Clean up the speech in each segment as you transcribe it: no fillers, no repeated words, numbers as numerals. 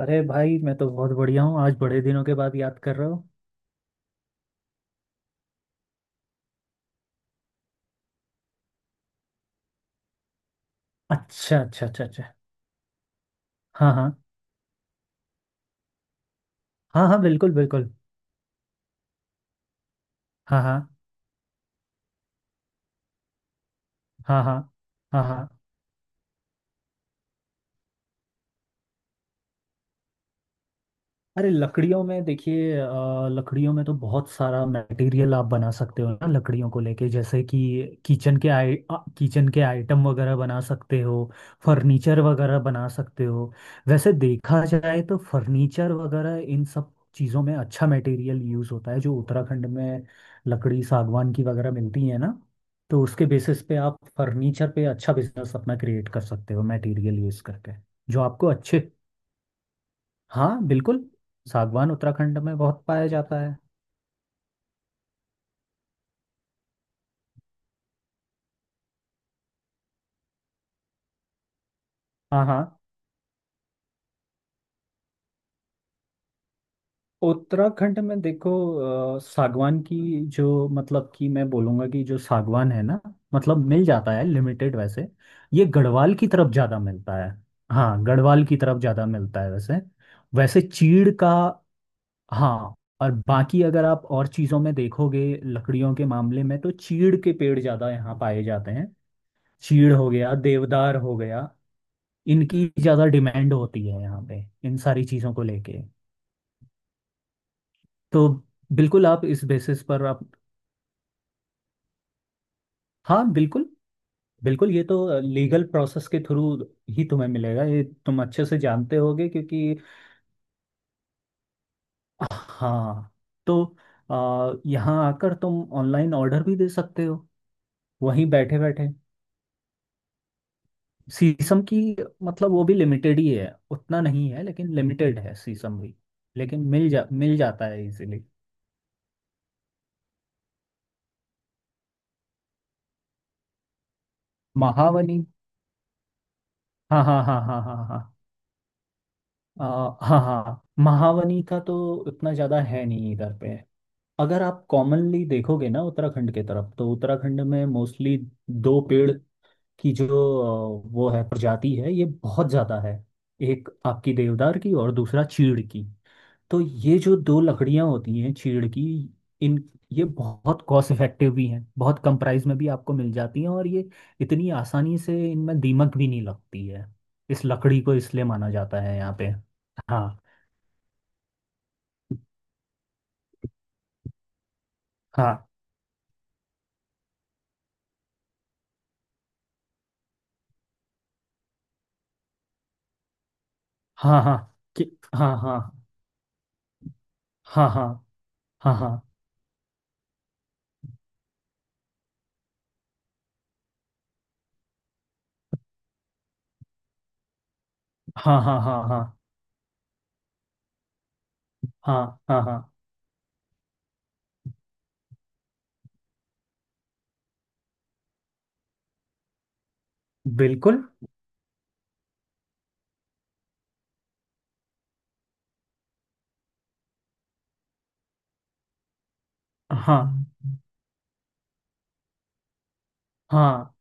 अरे भाई, मैं तो बहुत बढ़िया हूँ। आज बड़े दिनों के बाद याद कर रहे हो। अच्छा अच्छा अच्छा अच्छा। हाँ हाँ हाँ हाँ। बिल्कुल बिल्कुल। हाँ हाँ हाँ हाँ हाँ हाँ। अरे लकड़ियों में देखिए, लकड़ियों में तो बहुत सारा मटेरियल आप बना सकते हो ना लकड़ियों को लेके, जैसे कि किचन के किचन के आइटम वगैरह बना सकते हो। फर्नीचर वगैरह बना सकते हो। वैसे देखा जाए तो फर्नीचर वगैरह इन सब चीज़ों में अच्छा मटेरियल यूज़ होता है, जो उत्तराखंड में लकड़ी सागवान की वगैरह मिलती है ना। तो उसके बेसिस पे आप फर्नीचर पे अच्छा बिजनेस अपना क्रिएट कर सकते हो मटेरियल यूज़ करके। जो आपको अच्छे। हाँ बिल्कुल। सागवान उत्तराखंड में बहुत पाया जाता है। हाँ हाँ। उत्तराखंड में देखो, सागवान की जो, मतलब कि मैं बोलूँगा कि जो सागवान है ना, मतलब मिल जाता है लिमिटेड वैसे। ये गढ़वाल की तरफ ज़्यादा मिलता है। हाँ गढ़वाल की तरफ ज़्यादा मिलता है वैसे। वैसे चीड़ का। हाँ। और बाकी अगर आप और चीज़ों में देखोगे, लकड़ियों के मामले में तो चीड़ के पेड़ ज़्यादा यहाँ पाए जाते हैं। चीड़ हो गया, देवदार हो गया। इनकी ज़्यादा डिमांड होती है यहाँ पे इन सारी चीज़ों को लेके। तो बिल्कुल आप इस बेसिस पर आप। हाँ बिल्कुल। बिल्कुल, ये तो लीगल प्रोसेस के थ्रू ही तुम्हें मिलेगा, ये तुम अच्छे से जानते होगे, क्योंकि हाँ। तो यहाँ आकर तुम ऑनलाइन ऑर्डर भी दे सकते हो वहीं बैठे बैठे। शीशम की, मतलब वो भी लिमिटेड ही है, उतना नहीं है लेकिन लिमिटेड है शीशम भी। लेकिन मिल जाता है इजीली। महावनी। हाँ हाँ हाँ हाँ हाँ हाँ हाँ। आ, हाँ हाँ, महावनी का तो उतना ज़्यादा है नहीं इधर पे। अगर आप कॉमनली देखोगे ना उत्तराखंड के तरफ, तो उत्तराखंड में मोस्टली दो पेड़ की जो वो है, प्रजाति है, ये बहुत ज़्यादा है। एक आपकी देवदार की और दूसरा चीड़ की। तो ये जो दो लकड़ियाँ होती हैं चीड़ की, इन ये बहुत कॉस्ट इफेक्टिव भी हैं, बहुत कम प्राइस में भी आपको मिल जाती हैं, और ये इतनी आसानी से इनमें दीमक भी नहीं लगती है इस लकड़ी को, इसलिए माना जाता है यहाँ पे। हाँ हाँ हाँ हाँ। कि हाँ हाँ हाँ हाँ हाँ हाँ हाँ हाँ हाँ हाँ हाँ हाँ हाँ बिल्कुल हाँ हाँ।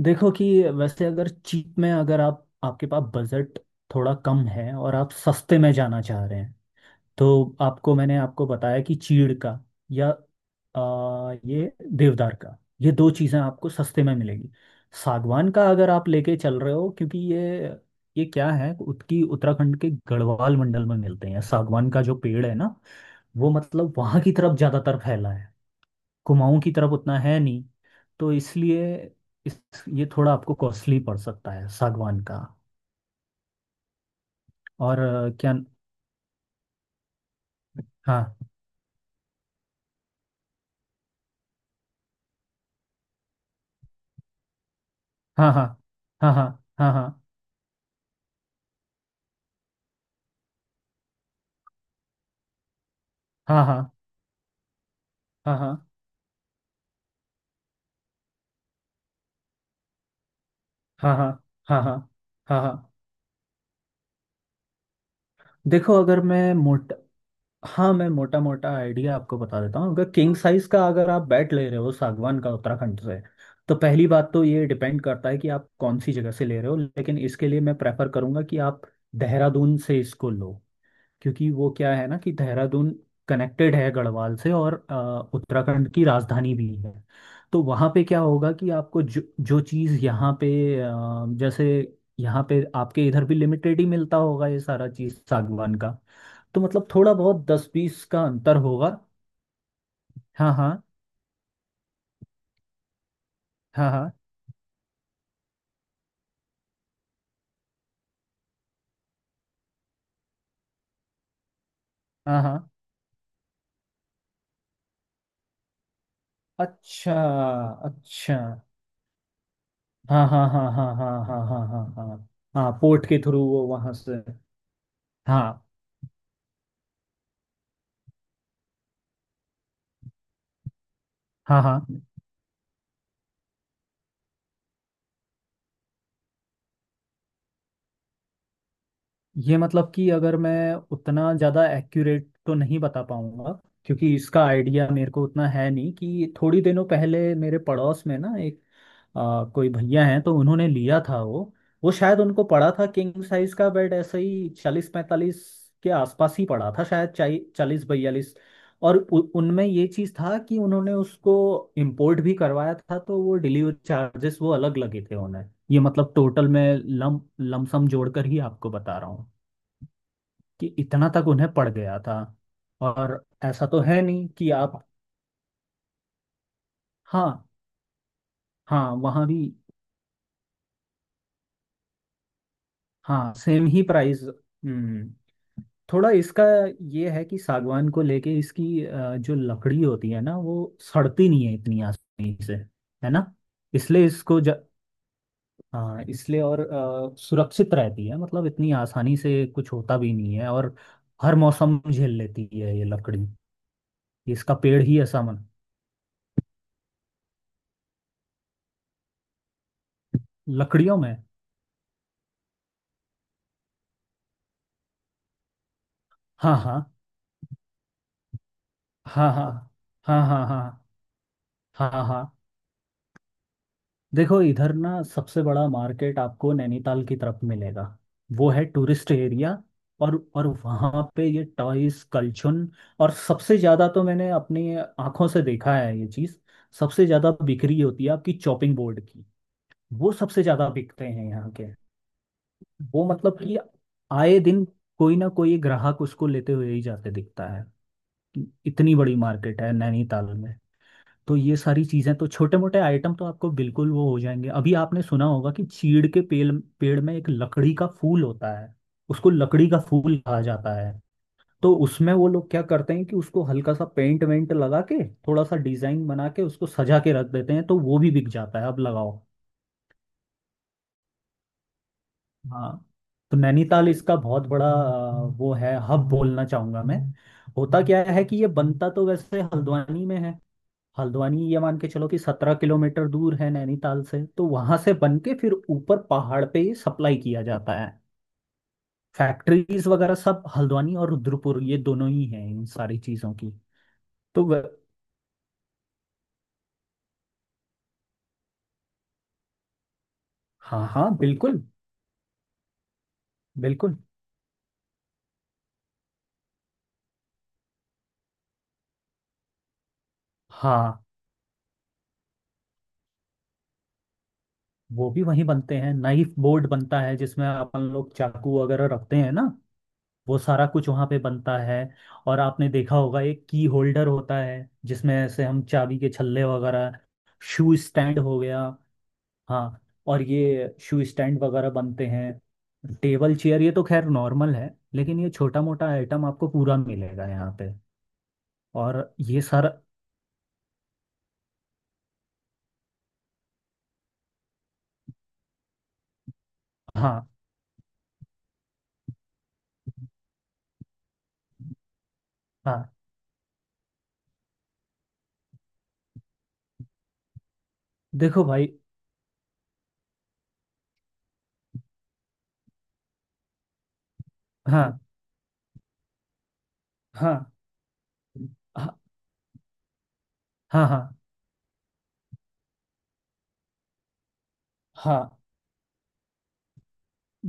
देखो कि वैसे अगर चीप में, अगर आप आपके पास बजट थोड़ा कम है और आप सस्ते में जाना चाह रहे हैं, तो आपको मैंने आपको बताया कि चीड़ का या ये देवदार का, ये दो चीज़ें आपको सस्ते में मिलेगी। सागवान का अगर आप लेके चल रहे हो क्योंकि ये क्या है उसकी, उत्तराखंड के गढ़वाल मंडल में मिलते हैं सागवान का जो पेड़ है ना, वो मतलब वहां की तरफ ज़्यादातर फैला है, कुमाऊं की तरफ उतना है नहीं। तो इसलिए इस, ये थोड़ा आपको कॉस्टली पड़ सकता है सागवान का। और क्या। हाँ हाँ हाँ हाँ हाँ हाँ हाँ हाँ हाँ हाँ हाँ हाँ हाँ हाँ हाँ हाँ हाँ हाँ। देखो अगर मैं मोटा। हाँ मैं मोटा मोटा आइडिया आपको बता देता हूँ। अगर किंग साइज का, अगर आप बेड ले रहे हो सागवान का उत्तराखंड से, तो पहली बात तो ये डिपेंड करता है कि आप कौन सी जगह से ले रहे हो, लेकिन इसके लिए मैं प्रेफर करूँगा कि आप देहरादून से इसको लो, क्योंकि वो क्या है ना कि देहरादून कनेक्टेड है गढ़वाल से और उत्तराखंड की राजधानी भी है। तो वहाँ पे क्या होगा कि आपको जो जो चीज़ यहाँ पे जैसे, यहाँ पे आपके इधर भी लिमिटेड ही मिलता होगा ये सारा चीज़ सागवान का। तो मतलब थोड़ा बहुत 10-20 का अंतर होगा। हाँ हाँ हाँ हाँ हाँ हाँ। अच्छा अच्छा। हाँ हाँ हाँ हाँ हाँ हाँ हाँ हाँ हाँ हाँ, पोर्ट के थ्रू वो वहाँ से। हाँ हाँ हाँ। ये मतलब कि अगर मैं उतना ज़्यादा एक्यूरेट तो नहीं बता पाऊंगा, क्योंकि इसका आइडिया मेरे को उतना है नहीं। कि थोड़ी दिनों पहले मेरे पड़ोस में ना एक कोई भैया हैं तो उन्होंने लिया था वो शायद उनको पड़ा था किंग साइज का बेड, ऐसे ही 40-45 के आसपास ही पड़ा था, शायद 40-42। और उनमें ये चीज़ था कि उन्होंने उसको इम्पोर्ट भी करवाया था, तो वो डिलीवरी चार्जेस वो अलग लगे थे उन्हें, ये मतलब टोटल में लम लमसम जोड़कर ही आपको बता रहा हूँ कि इतना तक उन्हें पड़ गया था। और ऐसा तो है नहीं कि आप। हाँ हाँ वहाँ भी। हाँ सेम ही प्राइस। हम्म। थोड़ा इसका ये है कि सागवान को लेके इसकी जो लकड़ी होती है ना, वो सड़ती नहीं है इतनी आसानी से, है ना। इसलिए इसको ज, हाँ इसलिए, और सुरक्षित रहती है, मतलब इतनी आसानी से कुछ होता भी नहीं है, और हर मौसम झेल लेती है ये लकड़ी। इसका पेड़ ही ऐसा मन। लकड़ियों में। हाँ हाँ हाँ हाँ हाँ हाँ हाँ हाँ हाँ। देखो इधर ना सबसे बड़ा मार्केट आपको नैनीताल की तरफ मिलेगा, वो है टूरिस्ट एरिया। और वहाँ पे ये टॉयज कलछुन, और सबसे ज़्यादा तो मैंने अपनी आंखों से देखा है ये चीज़, सबसे ज़्यादा बिक्री होती है आपकी चॉपिंग बोर्ड की। वो सबसे ज़्यादा बिकते हैं यहाँ के। वो मतलब कि आए दिन कोई ना कोई ग्राहक उसको लेते हुए ही जाते दिखता है, इतनी बड़ी मार्केट है नैनीताल में। तो ये सारी चीजें तो, छोटे मोटे आइटम तो आपको बिल्कुल वो हो जाएंगे। अभी आपने सुना होगा कि चीड़ के पेड़ पेड़ में एक लकड़ी का फूल होता है, उसको लकड़ी का फूल कहा जाता है। तो उसमें वो लोग क्या करते हैं कि उसको हल्का सा पेंट वेंट लगा के, थोड़ा सा डिजाइन बना के उसको सजा के रख देते हैं, तो वो भी बिक जाता है, अब लगाओ। हाँ। तो नैनीताल इसका बहुत बड़ा वो है, हब बोलना चाहूंगा मैं। होता क्या है कि ये बनता तो वैसे हल्द्वानी में है। हल्द्वानी, ये मान के चलो कि 17 किलोमीटर दूर है नैनीताल से, तो वहां से बन के फिर ऊपर पहाड़ पे ये सप्लाई किया जाता है। फैक्ट्रीज वगैरह सब हल्द्वानी और रुद्रपुर, ये दोनों ही हैं इन सारी चीजों की। तो व... हाँ हाँ बिल्कुल बिल्कुल। हाँ वो भी वहीं बनते हैं, नाइफ बोर्ड बनता है जिसमें अपन लोग चाकू वगैरह रखते हैं ना, वो सारा कुछ वहां पे बनता है। और आपने देखा होगा एक की होल्डर होता है जिसमें ऐसे हम चाबी के छल्ले वगैरह। शू स्टैंड हो गया। हाँ। और ये शू स्टैंड वगैरह बनते हैं, टेबल चेयर ये तो खैर नॉर्मल है। लेकिन ये छोटा मोटा आइटम आपको पूरा मिलेगा यहाँ पे। और ये सर। हाँ हाँ। देखो भाई। हाँ हाँ हाँ हाँ हाँ हाँ।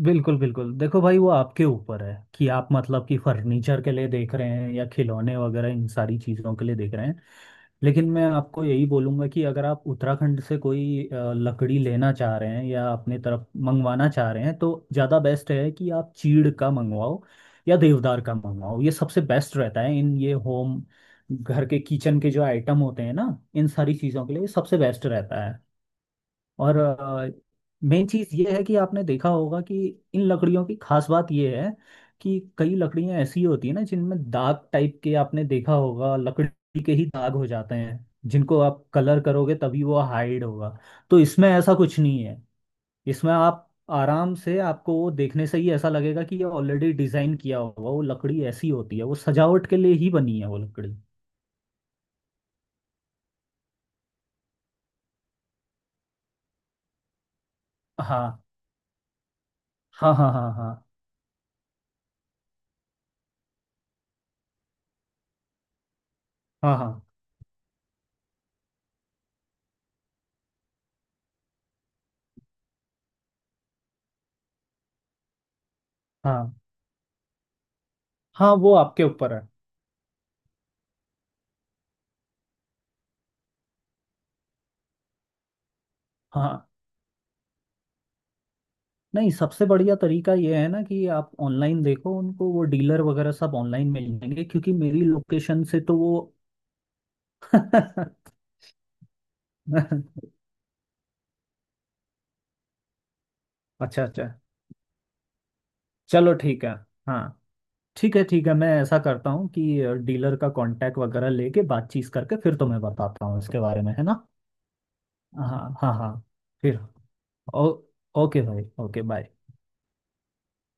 बिल्कुल बिल्कुल, देखो भाई, वो आपके ऊपर है कि आप मतलब कि फर्नीचर के लिए देख रहे हैं या खिलौने वगैरह इन सारी चीज़ों के लिए देख रहे हैं। लेकिन मैं आपको यही बोलूँगा कि अगर आप उत्तराखंड से कोई लकड़ी लेना चाह रहे हैं या अपने तरफ मंगवाना चाह रहे हैं, तो ज़्यादा बेस्ट है कि आप चीड़ का मंगवाओ या देवदार का मंगवाओ। ये सबसे बेस्ट रहता है इन ये होम, घर के किचन के जो आइटम होते हैं ना, इन सारी चीज़ों के लिए ये सबसे बेस्ट रहता है। और मेन चीज ये है कि आपने देखा होगा कि इन लकड़ियों की खास बात ये है कि कई लकड़ियां ऐसी होती है ना जिनमें दाग टाइप के, आपने देखा होगा लकड़ी के ही दाग हो जाते हैं, जिनको आप कलर करोगे तभी वो हाइड होगा। तो इसमें ऐसा कुछ नहीं है, इसमें आप आराम से, आपको वो देखने से ही ऐसा लगेगा कि ये ऑलरेडी डिजाइन किया होगा, वो लकड़ी ऐसी होती है, वो सजावट के लिए ही बनी है वो लकड़ी। हाँ हाँ हाँ हाँ हाँ हाँ हाँ हाँ हाँ। वो आपके ऊपर है। हाँ। नहीं, सबसे बढ़िया तरीका ये है ना कि आप ऑनलाइन देखो उनको, वो डीलर वगैरह सब ऑनलाइन मिल जाएंगे, क्योंकि मेरी लोकेशन से तो वो अच्छा अच्छा। चलो ठीक है। हाँ ठीक है ठीक है, मैं ऐसा करता हूँ कि डीलर का कांटेक्ट वगैरह लेके बातचीत करके फिर तुम्हें बताता हूँ इसके बारे में, है ना। हाँ हाँ हाँ। फिर ओ, ओके भाई, ओके बाय।